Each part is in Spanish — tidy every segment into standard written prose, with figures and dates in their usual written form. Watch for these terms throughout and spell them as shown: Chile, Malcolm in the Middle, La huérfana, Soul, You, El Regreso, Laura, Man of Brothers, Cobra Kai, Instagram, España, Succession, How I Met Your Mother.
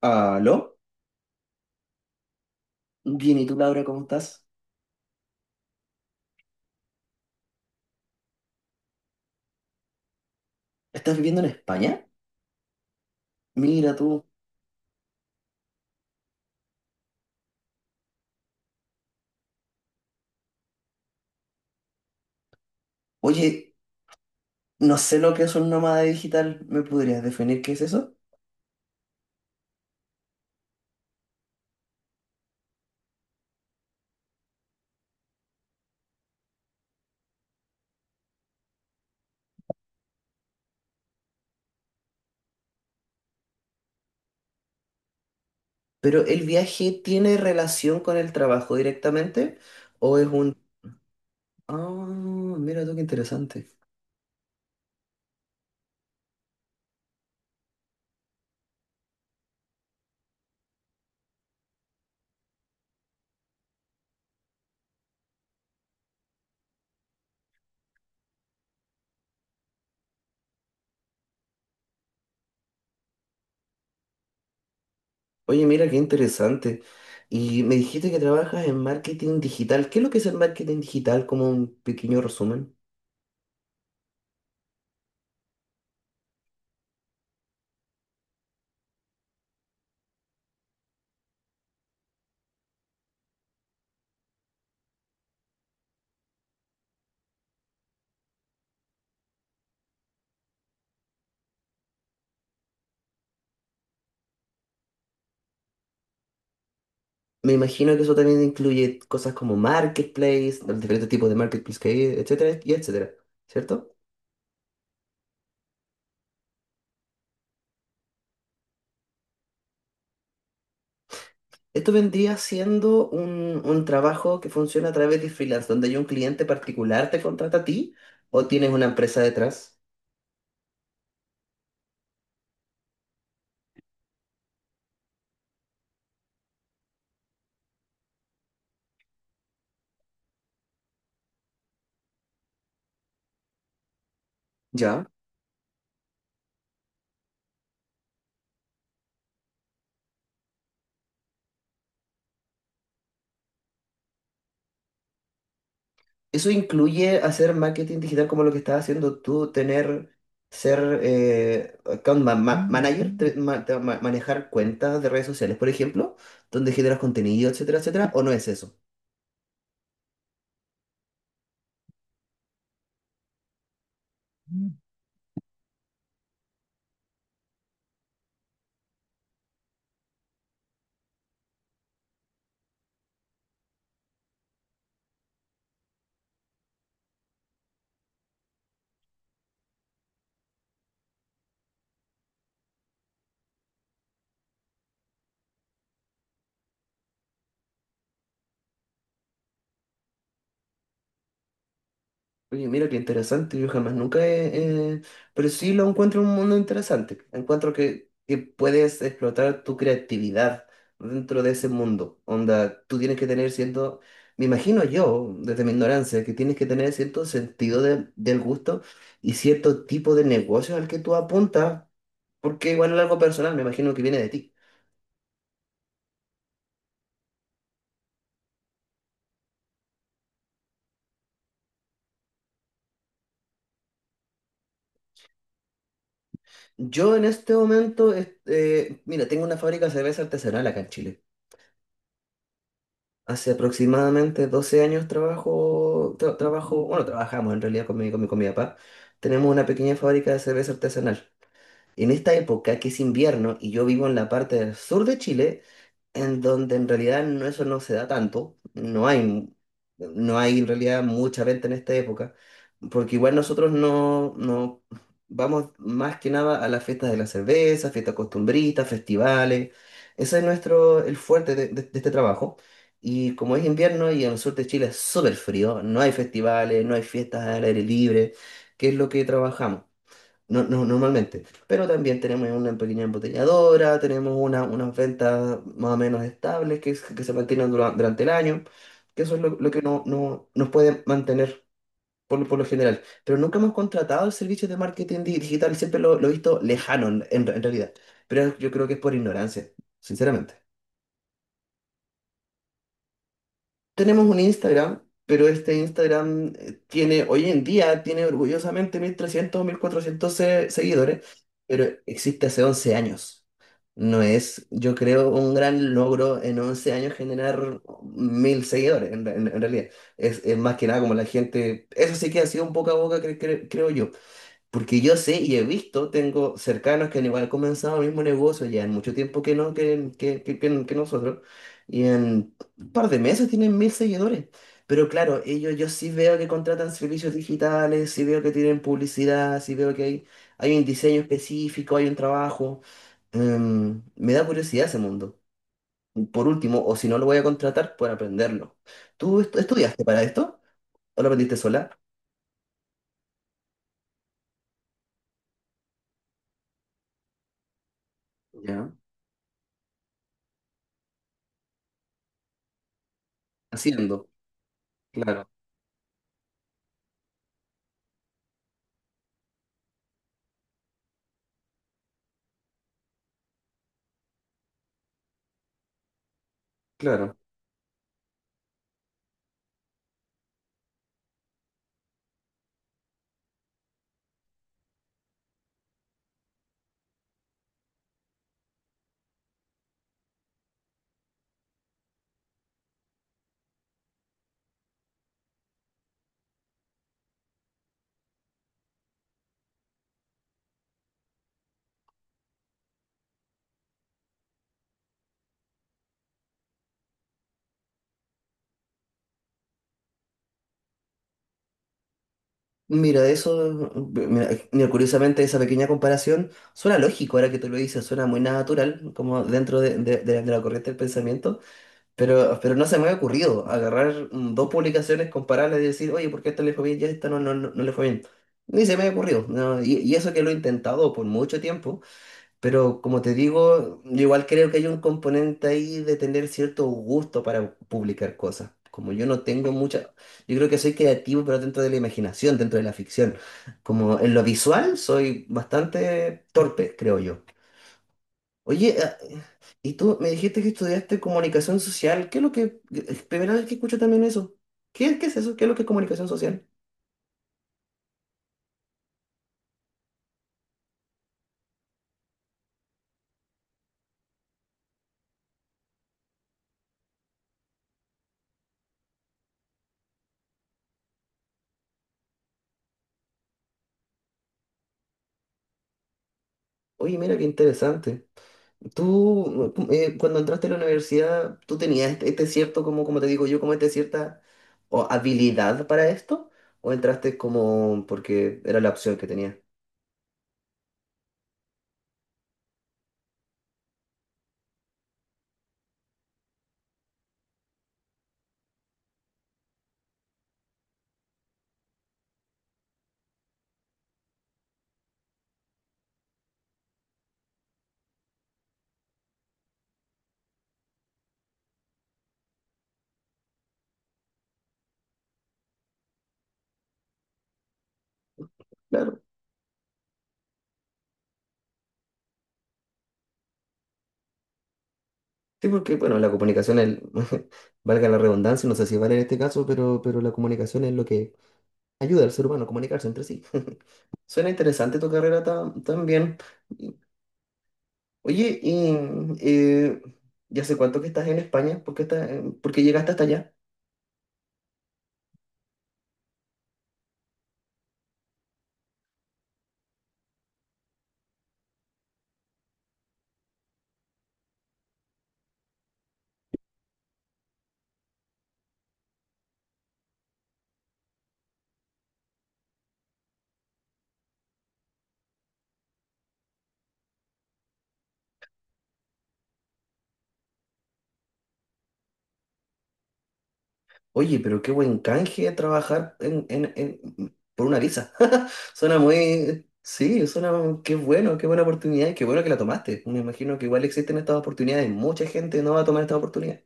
¿Aló? Bien, ¿y tú, Laura, cómo estás? ¿Estás viviendo en España? Mira tú. Oye, no sé lo que es un nómada digital. ¿Me podrías definir qué es eso? ¿Pero el viaje tiene relación con el trabajo directamente? ¿O es un... Ah, mira tú, qué interesante. Oye, mira, qué interesante. Y me dijiste que trabajas en marketing digital. ¿Qué es lo que es el marketing digital? Como un pequeño resumen. Me imagino que eso también incluye cosas como marketplace, los diferentes tipos de marketplace que hay, etcétera, y etcétera, ¿cierto? Esto vendría siendo un trabajo que funciona a través de freelance, donde hay un cliente particular te contrata a ti o tienes una empresa detrás, ¿ya? Eso incluye hacer marketing digital como lo que estás haciendo tú, tener, ser account manager, manejar cuentas de redes sociales, por ejemplo, donde generas contenido, etcétera, etcétera, ¿o no es eso? Oye, mira qué interesante, yo jamás nunca he... pero sí lo encuentro un mundo interesante. Encuentro que puedes explotar tu creatividad dentro de ese mundo. Onda, tú tienes que tener cierto... Me imagino yo, desde mi ignorancia, que tienes que tener cierto sentido del gusto y cierto tipo de negocio al que tú apuntas, porque igual es algo personal, me imagino que viene de ti. Yo en este momento, mira, tengo una fábrica de cerveza artesanal acá en Chile. Hace aproximadamente 12 años trabajo, trabajo, bueno, trabajamos en realidad con mi papá. Tenemos una pequeña fábrica de cerveza artesanal. En esta época, que es invierno y yo vivo en la parte del sur de Chile, en donde en realidad no, eso no se da tanto, no hay, no hay en realidad mucha venta en esta época, porque igual nosotros no, no vamos más que nada a las fiestas de la cerveza, fiestas costumbristas, festivales, ese es nuestro, el fuerte de este trabajo, y como es invierno y en el sur de Chile es súper frío, no hay festivales, no hay fiestas al aire libre, que es lo que trabajamos. No, no, normalmente. Pero también tenemos una pequeña embotelladora, tenemos unas ventas más o menos estables que, que se mantienen durante el año, que eso es lo que no, no, nos puede mantener por, por lo general. Pero nunca hemos contratado servicios de marketing digital, siempre lo he visto lejano en, en realidad. Pero yo creo que es por ignorancia, sinceramente. Tenemos un Instagram, pero este Instagram tiene, hoy en día, tiene orgullosamente 1.300 o 1.400 seguidores, pero existe hace 11 años. No es, yo creo, un gran logro en 11 años generar 1.000 seguidores, en, en realidad. Es más que nada como la gente, eso sí que ha sido un poco a boca, creo yo. Porque yo sé y he visto, tengo cercanos que han igual comenzado el mismo negocio, ya en mucho tiempo que no, que nosotros, y en un par de meses tienen 1.000 seguidores. Pero claro, ellos yo sí veo que contratan servicios digitales, sí veo que tienen publicidad, sí veo que hay un diseño específico, hay un trabajo. Em, me da curiosidad ese mundo. Por último, o si no lo voy a contratar, por aprenderlo. ¿Tú estudiaste para esto? ¿O lo aprendiste sola? Ya. Haciendo. Claro, claro. Mira, eso, mira, mira, curiosamente esa pequeña comparación suena lógico ahora que tú lo dices, suena muy natural, como dentro de, de la corriente del pensamiento, pero no se me ha ocurrido agarrar dos publicaciones, compararlas y decir, oye, ¿por qué a esta le fue bien y a esta no, no le fue bien? Ni se me ha ocurrido, no, y eso que lo he intentado por mucho tiempo, pero como te digo, yo igual creo que hay un componente ahí de tener cierto gusto para publicar cosas. Como yo no tengo mucha, yo creo que soy creativo, pero dentro de la imaginación, dentro de la ficción. Como en lo visual soy bastante torpe, creo yo. Oye, ah, y tú me dijiste que estudiaste comunicación social. ¿Qué es lo que... es primera vez que escucho también eso. ¿Qué, qué es eso? ¿Qué es lo que es comunicación social? Oye, mira qué interesante. Tú, cuando entraste a la universidad, ¿tú tenías este cierto, como, como te digo yo, como este cierta o, habilidad para esto? ¿O entraste como porque era la opción que tenías? Claro. Sí, porque, bueno, la comunicación, el, valga la redundancia, no sé si vale en este caso, pero la comunicación es lo que ayuda al ser humano a comunicarse entre sí. Suena interesante tu carrera también. Y- Oye, y, eh, ¿ya hace cuánto que estás en España? ¿Por qué, por qué llegaste hasta allá? Oye, pero qué buen canje trabajar en, por una visa. Suena muy... Sí, suena... Qué bueno, qué buena oportunidad y qué bueno que la tomaste. Me imagino que igual existen estas oportunidades. Mucha gente no va a tomar esta oportunidad.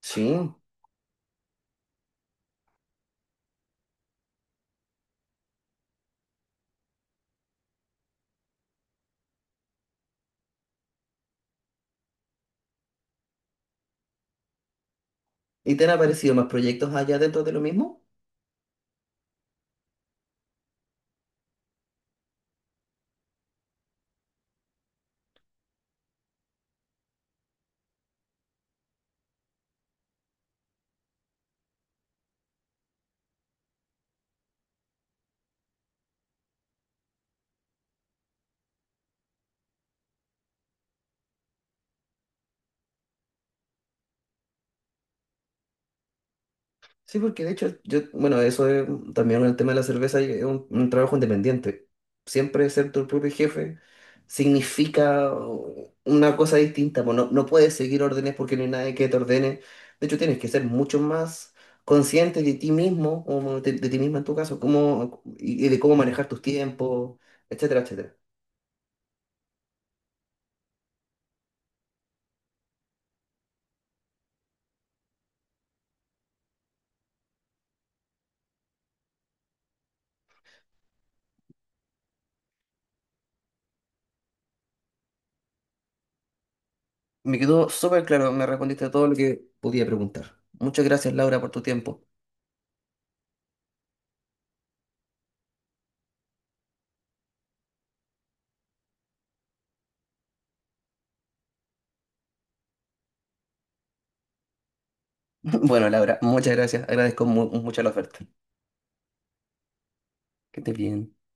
Sí. ¿Y te han aparecido más proyectos allá dentro de lo mismo? Sí, porque de hecho, yo, bueno, eso es también con el tema de la cerveza, y es un trabajo independiente. Siempre ser tu propio jefe significa una cosa distinta, pues no, no puedes seguir órdenes porque no hay nadie que te ordene. De hecho, tienes que ser mucho más consciente de ti mismo, o de ti misma en tu caso, cómo, y de cómo manejar tus tiempos, etcétera, etcétera. Me quedó súper claro, me respondiste a todo lo que podía preguntar. Muchas gracias, Laura, por tu tiempo. Bueno, Laura, muchas gracias. Agradezco mucho la oferta. Que estés bien.